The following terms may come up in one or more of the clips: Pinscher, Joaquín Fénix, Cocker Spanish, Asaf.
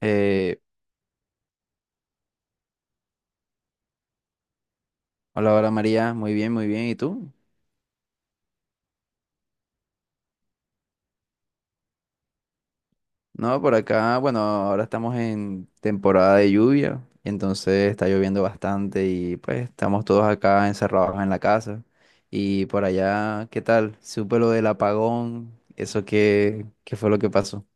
Eh, hola María, muy bien, muy bien. ¿Y tú? No, por acá, bueno, ahora estamos en temporada de lluvia, entonces está lloviendo bastante y pues estamos todos acá encerrados en la casa. Y por allá, ¿qué tal? Supe lo del apagón, eso qué, qué fue lo que pasó.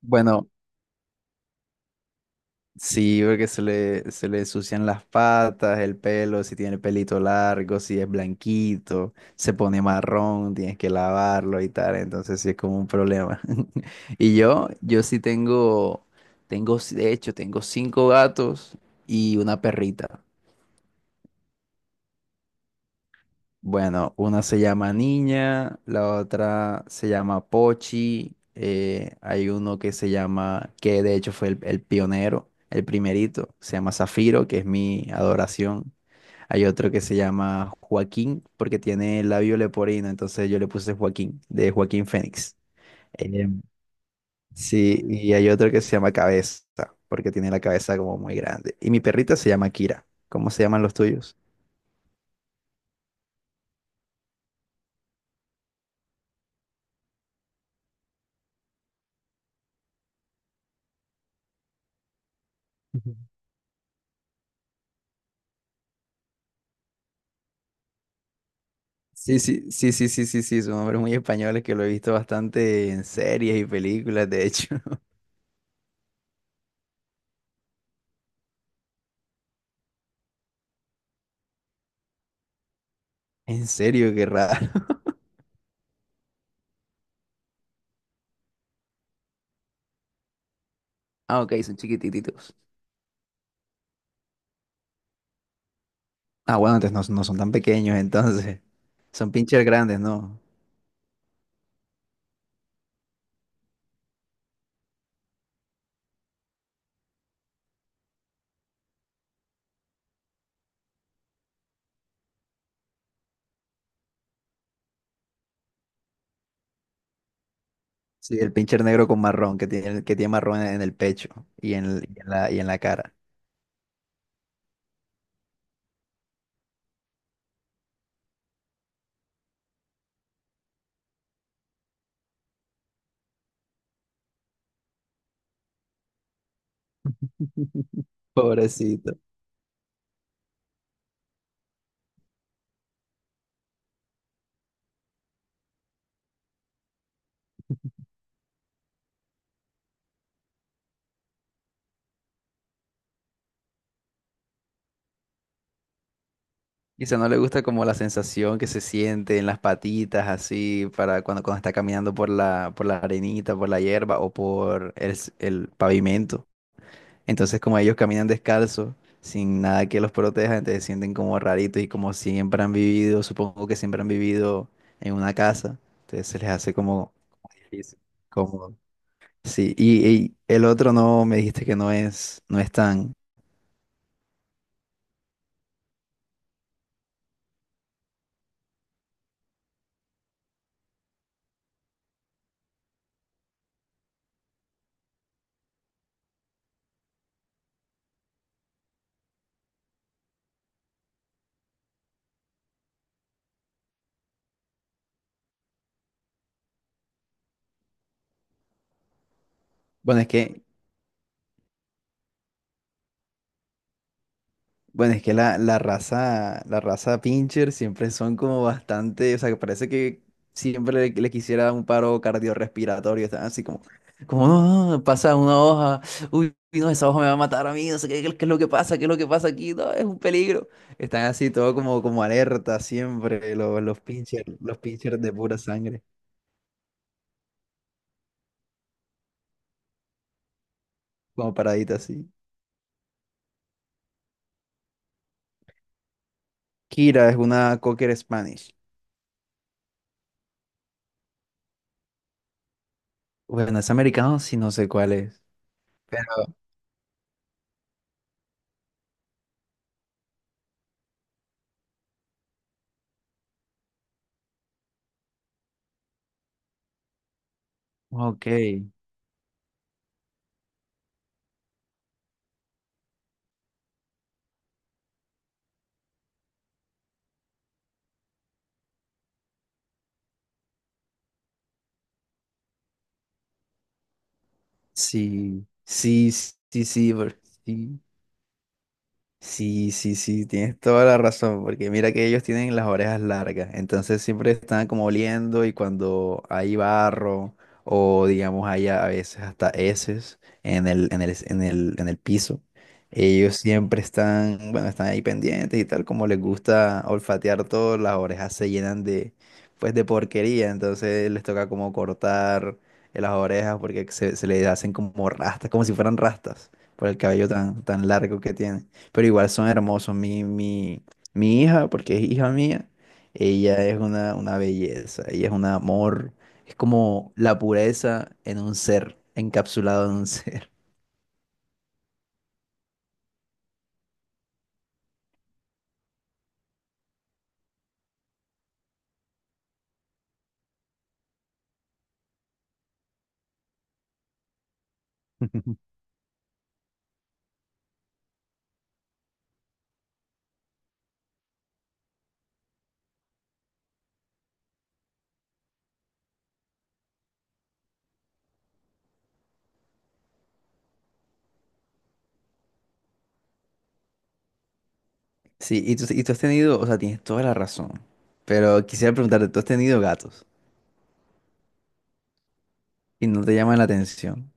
Bueno, sí, porque se le ensucian las patas, el pelo, si tiene pelito largo, si es blanquito, se pone marrón, tienes que lavarlo y tal, entonces sí es como un problema. Y yo sí tengo, tengo, de hecho, tengo cinco gatos y una perrita. Bueno, una se llama Niña, la otra se llama Pochi, hay uno que se llama, que de hecho fue el pionero, el primerito, se llama Zafiro, que es mi adoración. Hay otro que se llama Joaquín, porque tiene el labio leporino, entonces yo le puse Joaquín, de Joaquín Fénix. Em, sí, y hay otro que se llama Cabeza, porque tiene la cabeza como muy grande. Y mi perrita se llama Kira. ¿Cómo se llaman los tuyos? Sí, sí, sí, sí, sí, sí, sí, son hombres muy españoles que lo he visto bastante en series y películas, de hecho. En serio, qué raro. Ah, ok, son chiquititos. Ah, bueno, entonces no, no son tan pequeños, entonces. Son pincher grandes, ¿no? Sí, el pincher negro con marrón, que tiene marrón en el pecho y en, y en la cara. Pobrecito. Quizá no le gusta como la sensación que se siente en las patitas, así, para cuando, cuando está caminando por la arenita, por la hierba o por el, el pavimento. Entonces, como ellos caminan descalzos, sin nada que los proteja, entonces se sienten como raritos y como siempre han vivido, supongo que siempre han vivido en una casa, entonces se les hace como difícil. Como, sí, y el otro no, me dijiste que no es, no es tan, bueno, es que bueno, es que la, la raza Pinscher siempre son como bastante, o sea, que parece que siempre le, le quisiera un paro cardiorrespiratorio, están así como, como, no, no, pasa una hoja, uy, no, esa hoja me va a matar a mí, no sé qué, qué es lo que pasa, qué es lo que pasa aquí, no, es un peligro. Están así todo como, como alerta siempre, los, los Pinscher de pura sangre, como paraditas así. Kira es una Cocker Spanish. Bueno, es americano, sí, no sé cuál es. Pero, ok. Sí, sí, sí, sí, bro, sí. Sí, sí, sí, tienes toda la razón, porque mira que ellos tienen las orejas largas, entonces siempre están como oliendo y cuando hay barro o digamos hay a veces hasta heces en el, en el, en el, en el piso, ellos siempre están, bueno, están ahí pendientes y tal, como les gusta olfatear todo, las orejas se llenan de, pues de porquería, entonces les toca como cortar las orejas porque se les hacen como rastas, como si fueran rastas por el cabello tan, tan largo que tienen pero igual son hermosos. Mi hija, porque es hija mía, ella es una belleza, ella es un amor, es como la pureza en un ser, encapsulado en un ser. Sí, y tú has tenido, o sea, tienes toda la razón, pero quisiera preguntarte, ¿tú has tenido gatos y no te llaman la atención?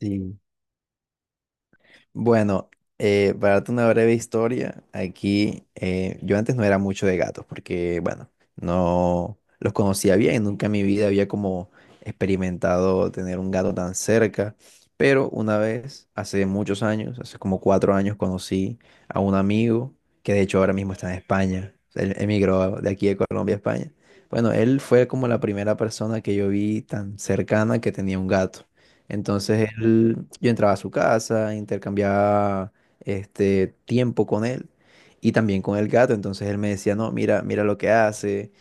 Sí. Bueno, para darte una breve historia, aquí yo antes no era mucho de gatos porque, bueno, no los conocía bien, nunca en mi vida había como experimentado tener un gato tan cerca, pero una vez, hace muchos años, hace como cuatro años, conocí a un amigo que de hecho ahora mismo está en España, él emigró de aquí de Colombia a España. Bueno, él fue como la primera persona que yo vi tan cercana que tenía un gato. Entonces él, yo entraba a su casa, intercambiaba este tiempo con él y también con el gato. Entonces él me decía, no, mira, mira lo que hace,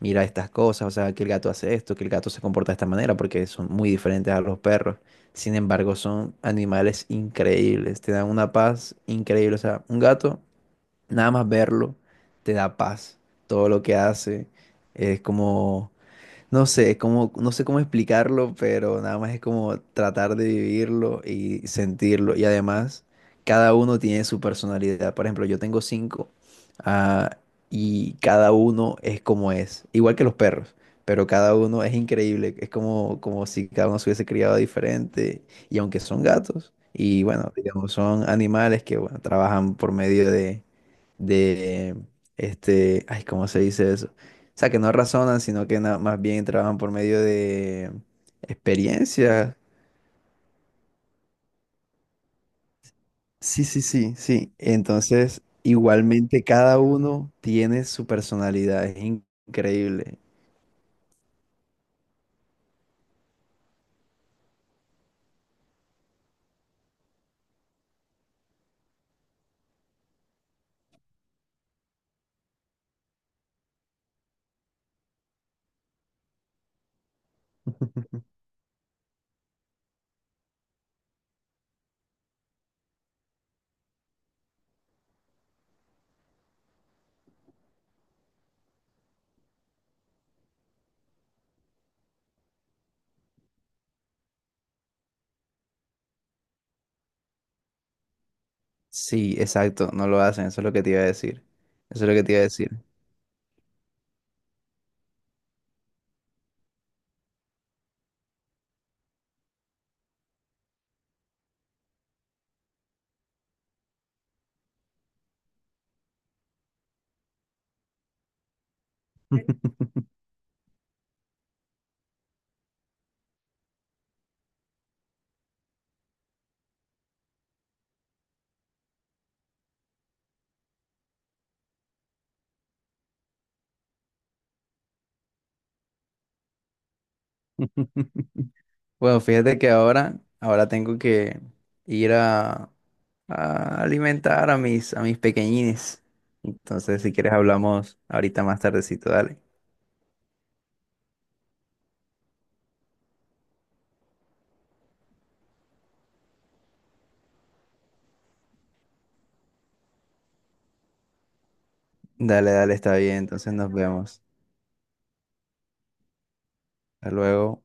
mira estas cosas, o sea, que el gato hace esto, que el gato se comporta de esta manera, porque son muy diferentes a los perros. Sin embargo, son animales increíbles, te dan una paz increíble. O sea, un gato, nada más verlo, te da paz. Todo lo que hace es como no sé cómo, no sé cómo explicarlo, pero nada más es como tratar de vivirlo y sentirlo. Y además, cada uno tiene su personalidad. Por ejemplo, yo tengo cinco, ah, y cada uno es como es. Igual que los perros, pero cada uno es increíble. Es como, como si cada uno se hubiese criado diferente. Y aunque son gatos, y bueno, digamos, son animales que bueno, trabajan por medio de, este, ay, ¿cómo se dice eso? O sea, que no razonan, sino que más bien trabajan por medio de experiencia. Sí, sí, sí, sí. Entonces, igualmente cada uno tiene su personalidad, es increíble. Sí, exacto, no lo hacen, eso es lo que te iba a decir. Eso es lo que te iba a decir. Bueno, fíjate que ahora, ahora tengo que ir a alimentar a mis pequeñines. Entonces, si quieres, hablamos ahorita más tardecito, dale. Dale, dale, está bien. Entonces nos vemos. Hasta luego.